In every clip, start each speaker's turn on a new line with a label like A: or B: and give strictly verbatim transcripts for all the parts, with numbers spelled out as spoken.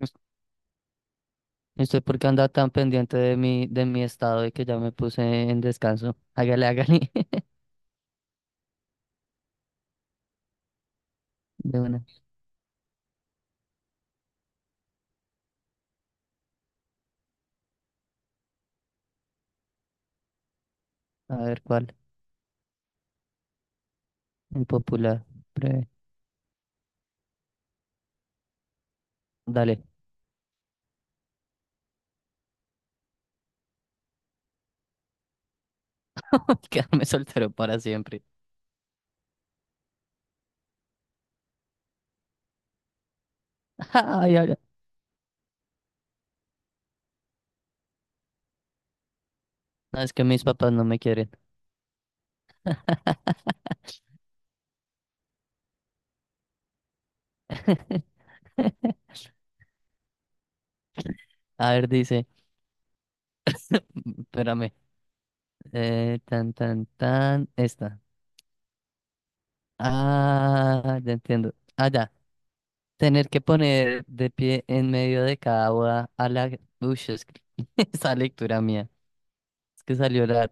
A: Us- ¿Usted por qué anda tan pendiente de mi, de mi estado y que ya me puse en descanso? Hágale, hágale. De una. A ver cuál. Impopular. Breve. Dale. Quedarme soltero para siempre. Ay, ay, ay. No, es que mis papás no me quieren. A ver, dice. Espérame. Eh, tan, tan, tan. Esta. Ah, ya entiendo. Ah, ya. Tener que poner de pie en medio de cada boda a la... Uy, es que- esa lectura mía. Es que salió la...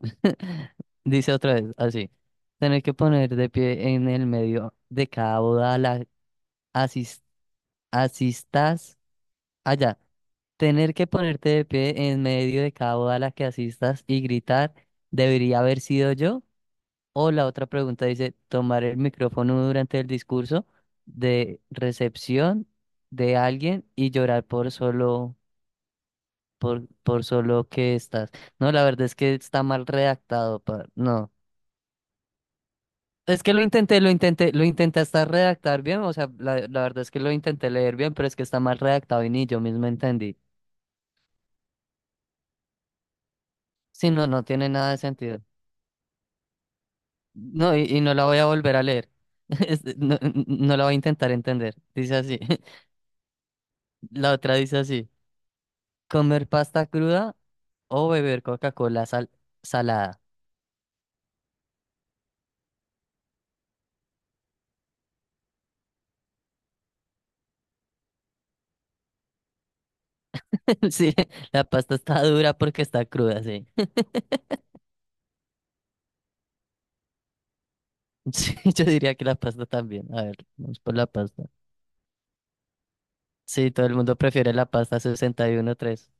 A: Dice otra vez, así. Tener que poner de pie en el medio de cada boda a la asis- asistas allá. Tener que ponerte de pie en medio de cada boda a la que asistas y gritar, ¿debería haber sido yo? O la otra pregunta dice, tomar el micrófono durante el discurso de recepción de alguien y llorar por solo, por, por solo que estás. No, la verdad es que está mal redactado, pa- no. Es que lo intenté, lo intenté, lo intenté hasta redactar bien, o sea, la, la verdad es que lo intenté leer bien, pero es que está mal redactado y ni yo mismo entendí. Sí, no, no tiene nada de sentido. No, y, y no la voy a volver a leer. Es- No, no la voy a intentar entender. Dice así. La otra dice así. ¿Comer pasta cruda o beber Coca-Cola sal- salada? Sí, la pasta está dura porque está cruda, sí. Sí, yo diría que la pasta también. A ver, vamos por la pasta. Sí, todo el mundo prefiere la pasta. Sesenta y uno tres.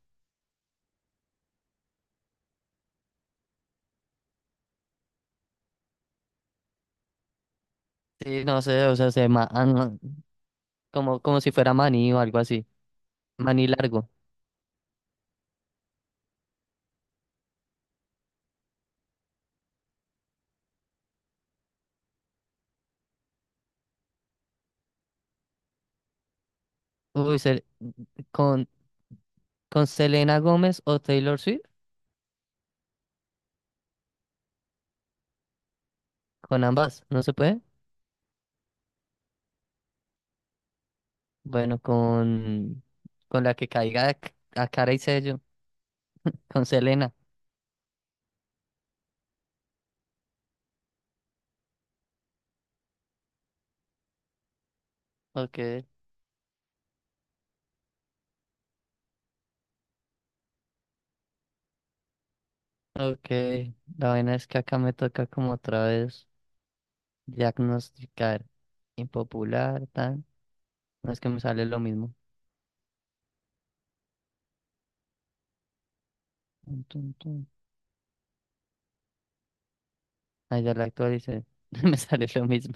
A: Sí, no sé, o sea, se ma ah, no, como, como si fuera maní o algo así. Maní largo. Uy, se- con, con Selena Gómez o Taylor Swift, con ambas, ¿no se puede? Bueno, con, con la que caiga a, c- a cara y sello, con Selena. Ok, ok. La vaina es que acá me toca como otra vez diagnosticar impopular, tan. No, es que me sale lo mismo. Tun, tun, tun. Ah, ya la actualicé. Me sale lo mismo.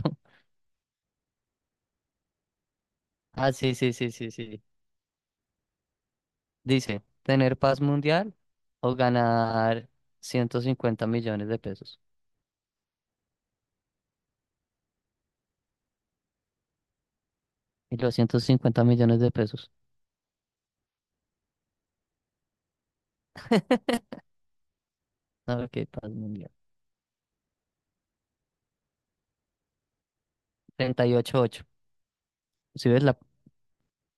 A: Ah, sí, sí, sí, sí, sí. Dice, ¿tener paz mundial o ganar ciento cincuenta millones de pesos? Y los ciento cincuenta millones de pesos. A ver qué paz mundial. Treinta y ocho ocho. Si ves, la,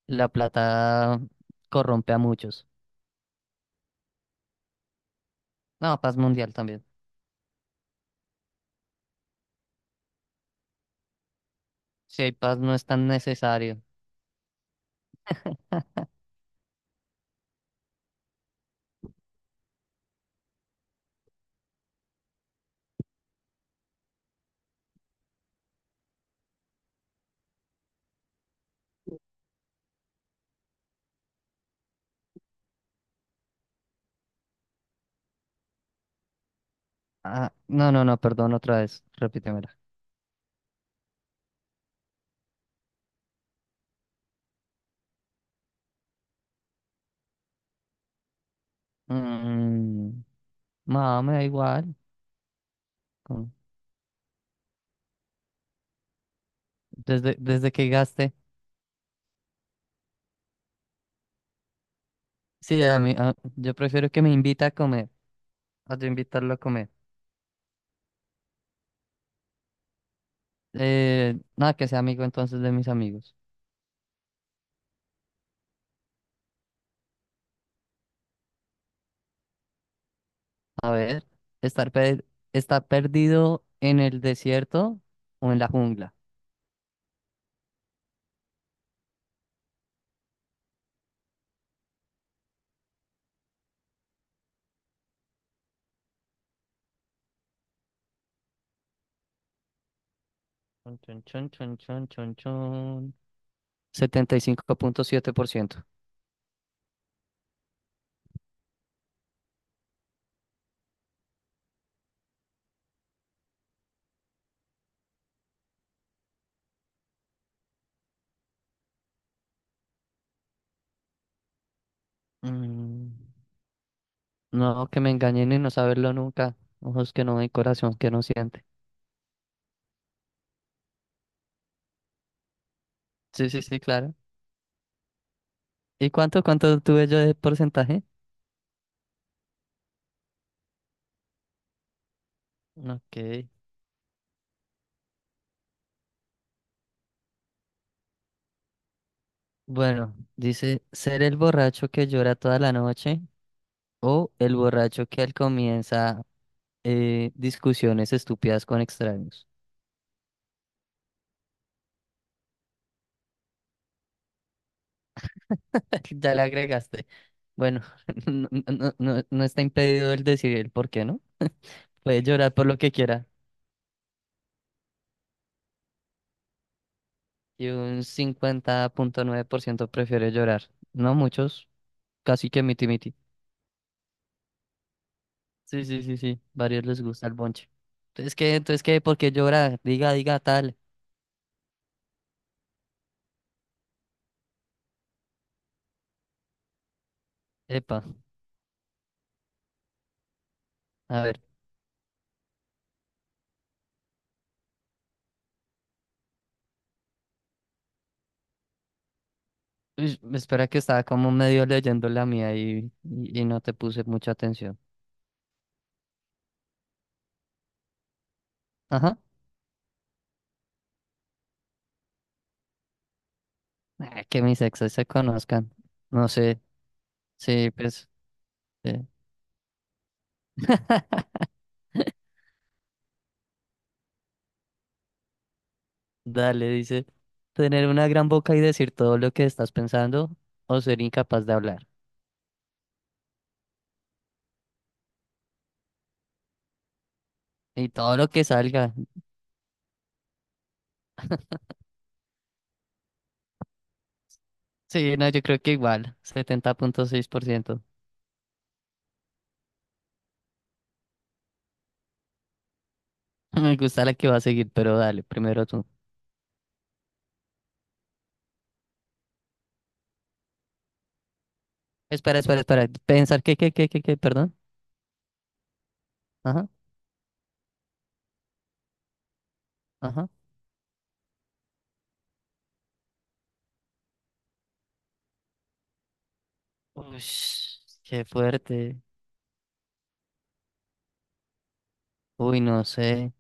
A: la plata corrompe a muchos. No, paz mundial también. Si hay paz, no es tan necesario. Ah, no, no, no, perdón, otra vez. Repítemela. Mm, no, me da igual. Con- Desde, desde que gaste. Sí, a mí, a- yo prefiero que me invita a comer. A yo invitarlo a comer. Eh, nada, que sea amigo entonces de mis amigos. A ver, estar, per- estar perdido en el desierto o en la jungla. Chun, chun, chun, chun, chun, chun, chun. setenta y cinco punto siete por ciento. Mm, no, que me engañen y no saberlo nunca. Ojos que no ven, corazón que no siente. Sí, sí, sí, claro. ¿Y cuánto, cuánto tuve yo de porcentaje? Ok. Bueno, dice, ser el borracho que llora toda la noche o el borracho que al comienza eh, discusiones estúpidas con extraños. Ya le agregaste. Bueno, no, no, no, no está impedido el decir el por qué, ¿no? Puede llorar por lo que quiera. Y un cincuenta punto nueve por ciento prefiere llorar. No muchos, casi que miti miti. Sí, sí, sí, sí. Varios les gusta el bonche. Entonces, ¿qué? Entonces, ¿qué? ¿Por qué llora? Diga, diga tal. Epa. A ver. Uy, espera que estaba como medio leyendo la mía y, y, y no te puse mucha atención. Ajá. Ah, que mis exes se conozcan. No sé. Sí, pues. eh, Dale, dice. Tener una gran boca y decir todo lo que estás pensando o ser incapaz de hablar. Y todo lo que salga. Sí, no, yo creo que igual. Setenta punto seis por ciento. Me gusta la que va a seguir, pero dale, primero tú. Espera, espera, espera. Pensar que, que, que, que, que, perdón. Ajá, ajá. Uy, qué fuerte. Uy, no sé,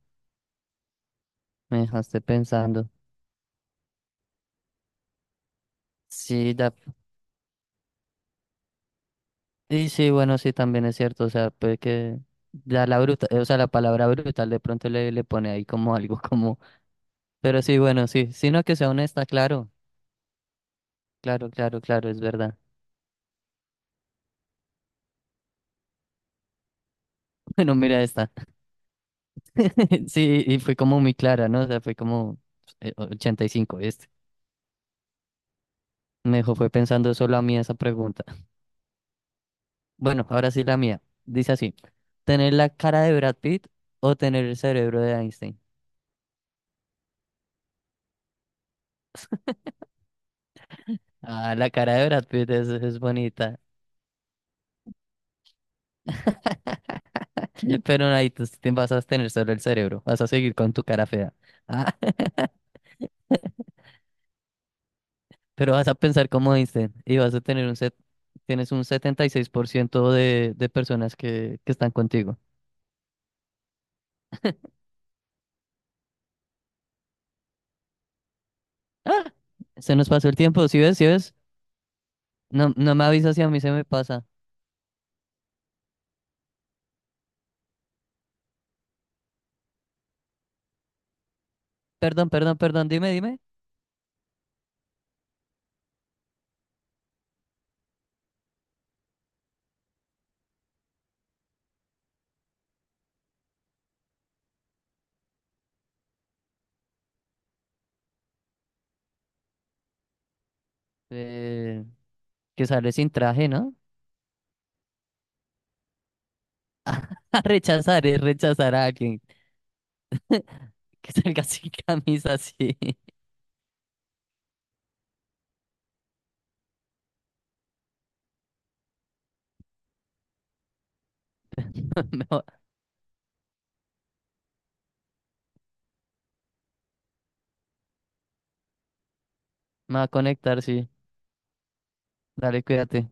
A: me dejaste pensando. Sí, da- y sí, bueno, sí, también es cierto, o sea, puede que ya la bruta, eh, o sea, la palabra brutal de pronto le, le pone ahí como algo como, pero sí, bueno, sí, sino que sea honesta, claro, claro, claro, claro, es verdad. Bueno, mira esta. Sí, y fue como muy clara, ¿no? O sea, fue como eh, ochenta y cinco este. Me dejó fue pensando solo a mí esa pregunta. Bueno, ahora sí la mía. Dice así, ¿tener la cara de Brad Pitt o tener el cerebro de Einstein? Ah, la cara de Brad Pitt es, es bonita. Pero ahí tú te vas a tener solo el cerebro. Vas a seguir con tu cara fea. Ah, pero vas a pensar como Einstein y vas a tener un set, tienes un setenta y seis por ciento de, de personas que, que están contigo. Ah, se nos pasó el tiempo. ¿Sí ves? ¿Sí ves? No, no me avisas si a mí se me pasa. Perdón, perdón, perdón. Dime, dime. Eh, que sale sin traje, ¿no? A rechazar es rechazar a alguien. Que salga sin camisa, sí. Me voy Me voy a conectar, sí. Dale, cuídate.